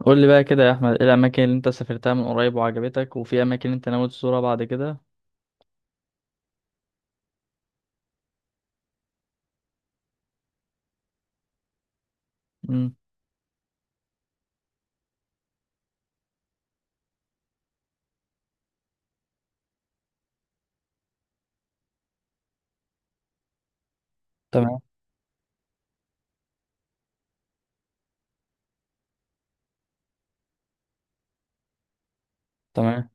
قول لي بقى كده يا احمد، ايه الاماكن اللي انت سافرتها من قريب وعجبتك، وفي اماكن انت ناوي تزورها بعد كده؟ امم تمام تمام.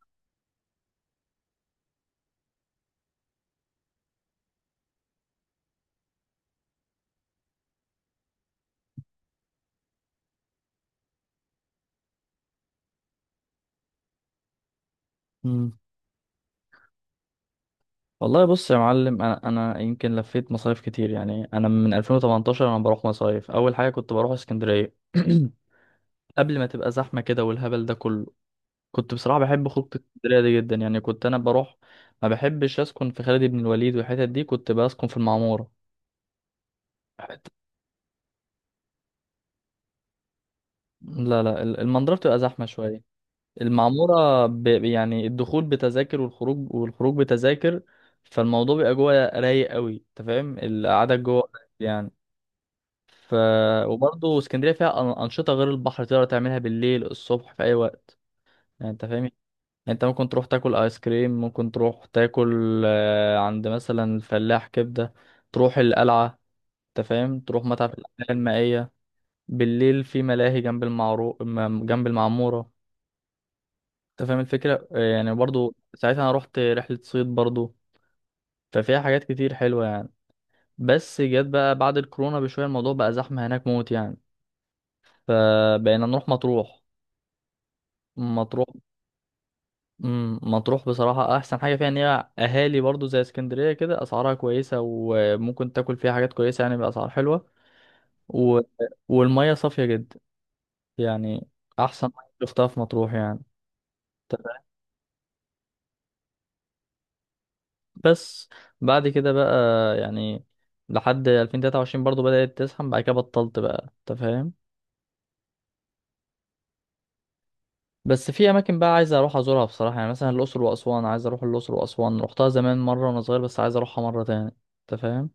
امم والله بص يا معلم، انا يمكن لفيت مصايف كتير. يعني انا من 2018 انا بروح مصايف. اول حاجه كنت بروح اسكندريه قبل ما تبقى زحمه كده والهبل ده كله. كنت بصراحه بحب خروج اسكندريه دي جدا. يعني كنت انا بروح، ما بحبش اسكن في خالد بن الوليد والحتت دي، كنت بسكن في المعموره. حت- لا لا، المنظره بتبقى زحمه شويه. المعمورة يعني الدخول بتذاكر والخروج، بتذاكر، فالموضوع بيبقى جوه رايق قوي. انت فاهم القعدة جوه يعني. ف وبرضه اسكندرية فيها أنشطة غير البحر تقدر تعملها بالليل، الصبح، في أي وقت. يعني انت فاهم يعني، انت ممكن تروح تاكل آيس كريم، ممكن تروح تاكل عند مثلا الفلاح كبدة، تروح القلعة، انت فاهم، تروح متحف الأحياء المائية. بالليل في ملاهي جنب المعمورة. انت فاهم الفكرة؟ يعني برضو ساعتها انا رحت رحلة صيد برضو. ففيها حاجات كتير حلوة يعني. بس جت بقى بعد الكورونا بشوية، الموضوع بقى زحمة هناك موت يعني. فبقينا نروح مطروح. مطروح، مم، مطروح بصراحة أحسن حاجة فيها إن هي أهالي برضو زي اسكندرية كده، أسعارها كويسة وممكن تاكل فيها حاجات كويسة يعني بأسعار حلوة. و... والمية صافية جدا يعني. أحسن مية شفتها في مطروح يعني. بس بعد كده بقى يعني لحد 2023 برضو بدأت تزحم، بعد كده بطلت بقى، انت فاهم. بس في اماكن بقى عايز اروح ازورها بصراحة، يعني مثلا الاقصر واسوان. عايز اروح الاقصر واسوان، رحتها زمان مرة وانا صغير، بس عايز اروحها مرة تاني. انت فاهم،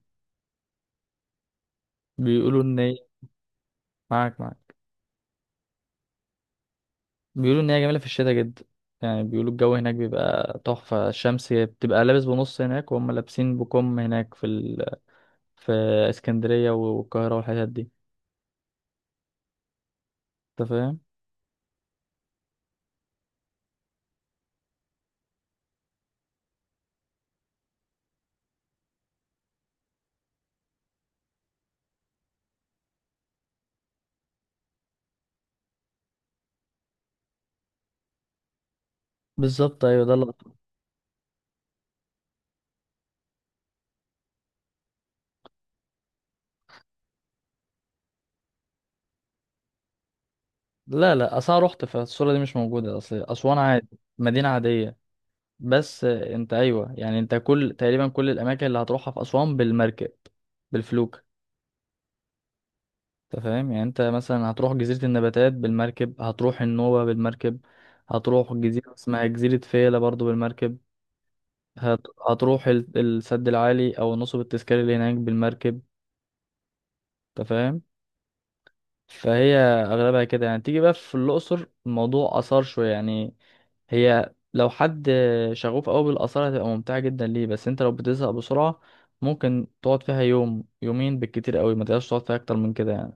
بيقولوا ان هي، معاك معاك. بيقولوا ان هي جميلة في الشتاء جدا. يعني بيقولوا الجو هناك بيبقى تحفة، الشمس بتبقى لابس بنص هناك وهم لابسين بكم هناك في في اسكندرية والقاهرة والحتت دي. انت فاهم؟ بالظبط، ايوه ده. لا لا، اصلا رحت، فالصورة دي مش موجودة، اصل اسوان عادي، مدينة عادية. بس انت ايوه يعني، انت كل تقريبا كل الاماكن اللي هتروحها في اسوان بالمركب، بالفلوك. انت فاهم يعني، انت مثلا هتروح جزيرة النباتات بالمركب، هتروح النوبة بالمركب، هتروح جزيرة اسمها جزيرة فيلة برضو بالمركب، السد العالي او نصب التذكاري اللي هناك بالمركب. انت فاهم. فهي اغلبها كده يعني. تيجي بقى في الاقصر، الموضوع اثار شويه يعني. هي لو حد شغوف قوي بالاثار هتبقى ممتعه جدا ليه، بس انت لو بتزهق بسرعه ممكن تقعد فيها يوم يومين بالكتير قوي، ما تقدرش تقعد فيها اكتر من كده يعني.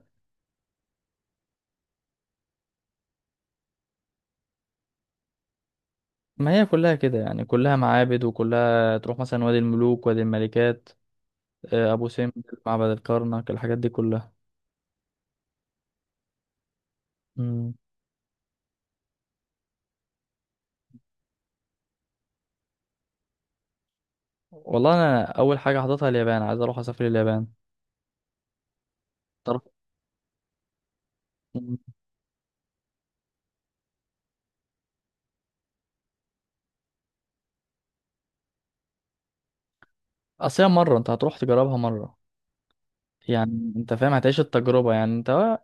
ما هي كلها كده يعني، كلها معابد، وكلها تروح مثلا وادي الملوك، وادي الملكات، ابو سمبل، معبد الكرنك، الحاجات دي كلها. مم. والله انا اول حاجه حاططها اليابان، عايز اروح اسافر اليابان. تعرف- مم. اصل هي مره، انت هتروح تجربها مره يعني. انت فاهم هتعيش التجربة يعني. انت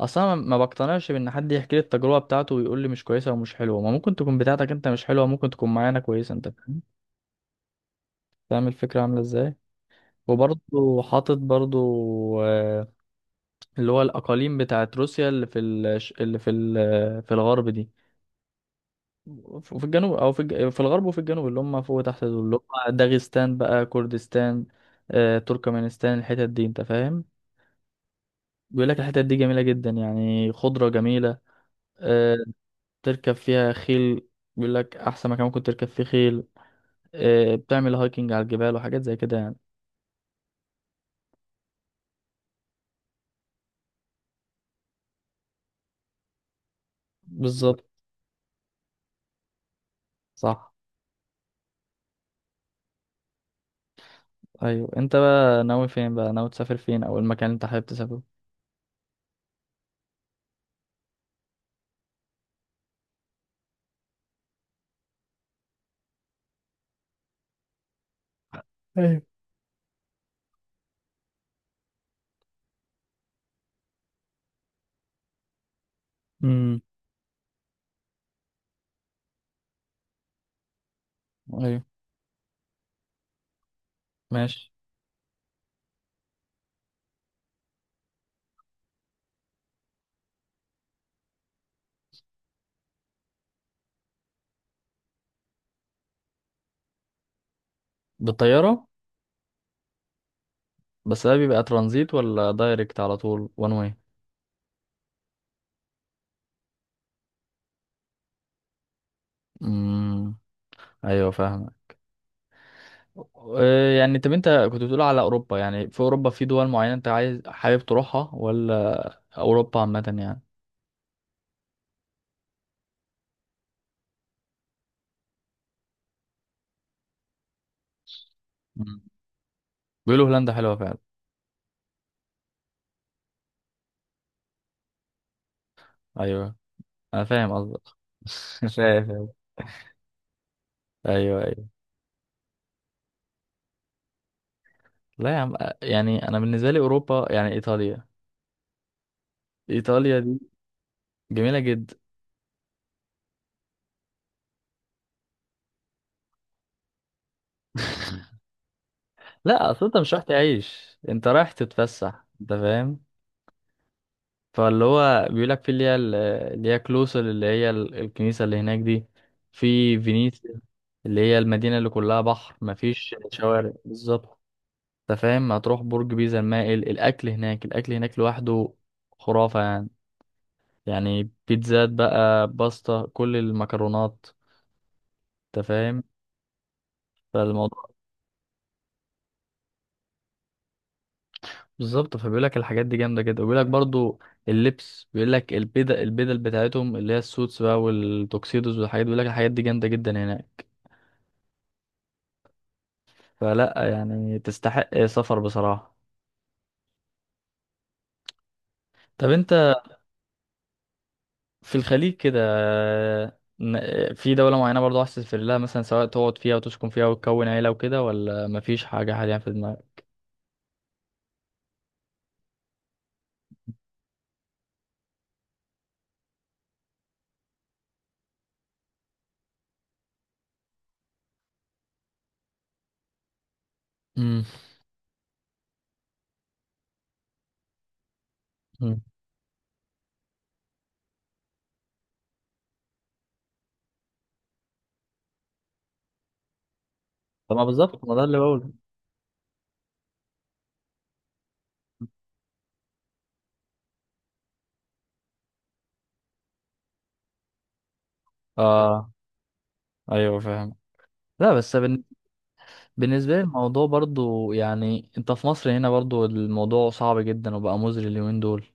اصلا ما بقتنعش بان حد يحكي لي التجربة بتاعته ويقول لي مش كويسة ومش حلوة. ما ممكن تكون بتاعتك انت مش حلوة، ممكن تكون معانا كويسة. انت فاهم فاهم الفكرة عاملة ازاي. وبرضه حاطط برضه آه، اللي هو الأقاليم بتاعت روسيا اللي في ال... اللي في ال... آه، في الغرب دي، وفي الجنوب، في الغرب وفي الجنوب، اللي هم فوق وتحت دول، اللي هم داغستان بقى، كردستان، تركمانستان، الحتت دي. أنت فاهم، بيقول لك الحتت دي جميلة جدا يعني، خضرة جميلة، آه، تركب فيها خيل، بيقول لك احسن مكان ممكن تركب فيه خيل، بتعمل هايكنج على الجبال وحاجات زي كده يعني. بالظبط. صح. ايوه انت بقى ناوي فين، بقى ناوي تسافر فين، او المكان اللي انت حابب تسافره؟ ايوه. امم ايوه. ماشي. بالطياره؟ بس ده بيبقى ترانزيت ولا دايركت على طول وان واي؟ امم ايوه فاهمك. يعني طب انت كنت بتقول على اوروبا، يعني في اوروبا في دول معينه انت عايز حابب تروحها، ولا اوروبا عامه يعني؟ مم. بيقولوا هولندا حلوه فعلا. ايوه انا فاهم قصدك. فاهم فاهم. ايوه ايوه. لا يا عم، يعني انا بالنسبه لي اوروبا يعني ايطاليا، ايطاليا دي جميله جدا. لا اصل انت مش رايح تعيش، انت رايح تتفسح. انت فاهم، فاللي هو بيقول لك في اللي هي كلوسل، الكنيسه اللي هناك دي، في فينيسيا، اللي هي المدينه اللي كلها بحر مفيش شوارع بالظبط. انت فاهم، هتروح برج بيزا المائل، الاكل هناك، الاكل هناك لوحده خرافه يعني، يعني بيتزات بقى، باستا، كل المكرونات. انت فاهم، فالموضوع بالظبط. فبيقول لك الحاجات دي جامده جدا، وبيقول لك برضو اللبس، بيقول لك البدل، بتاعتهم اللي هي السوتس بقى والتوكسيدوز والحاجات، بيقول لك الحاجات دي جامده جدا هناك. فلا يعني تستحق سفر بصراحه. طب انت، في الخليج كده، في دولة معينة برضو عايز تسافر لها مثلا، سواء تقعد فيها وتسكن فيها وتكون عيلة وكده، ولا مفيش حاجة حاليا في دماغك؟ امم طب ما بالظبط، ما ده اللي بقوله. اه ايوه فاهم. لا بس بالنسبه لي الموضوع برضو يعني، انت في مصر هنا برضو الموضوع صعب جدا وبقى مزري اليومين دول،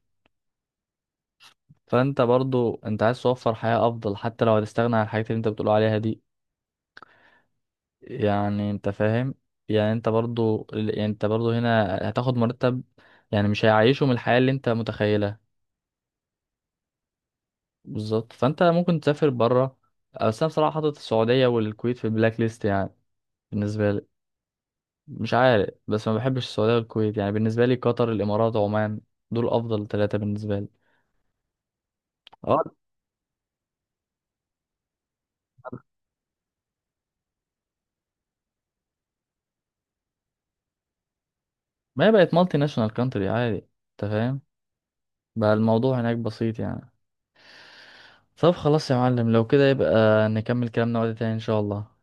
فانت برضو انت عايز توفر حياه افضل حتى لو هتستغنى عن الحاجات اللي انت بتقول عليها دي. يعني انت فاهم، يعني انت برضو، يعني انت برضو هنا هتاخد مرتب، يعني مش هيعيشه من الحياه اللي انت متخيلها. بالظبط، فانت ممكن تسافر بره. بس انا بصراحه حاطط السعوديه والكويت في البلاك ليست يعني، بالنسبه لي. مش عارف، بس ما بحبش السعودية والكويت. يعني بالنسبة لي قطر، الإمارات، عمان، دول أفضل ثلاثة بالنسبة لي. اه ما هي بقت مالتي ناشونال كانتري عادي. أنت فاهم، بقى الموضوع هناك بسيط يعني. طب خلاص يا معلم، لو كده يبقى نكمل كلامنا وقت تاني إن شاء الله.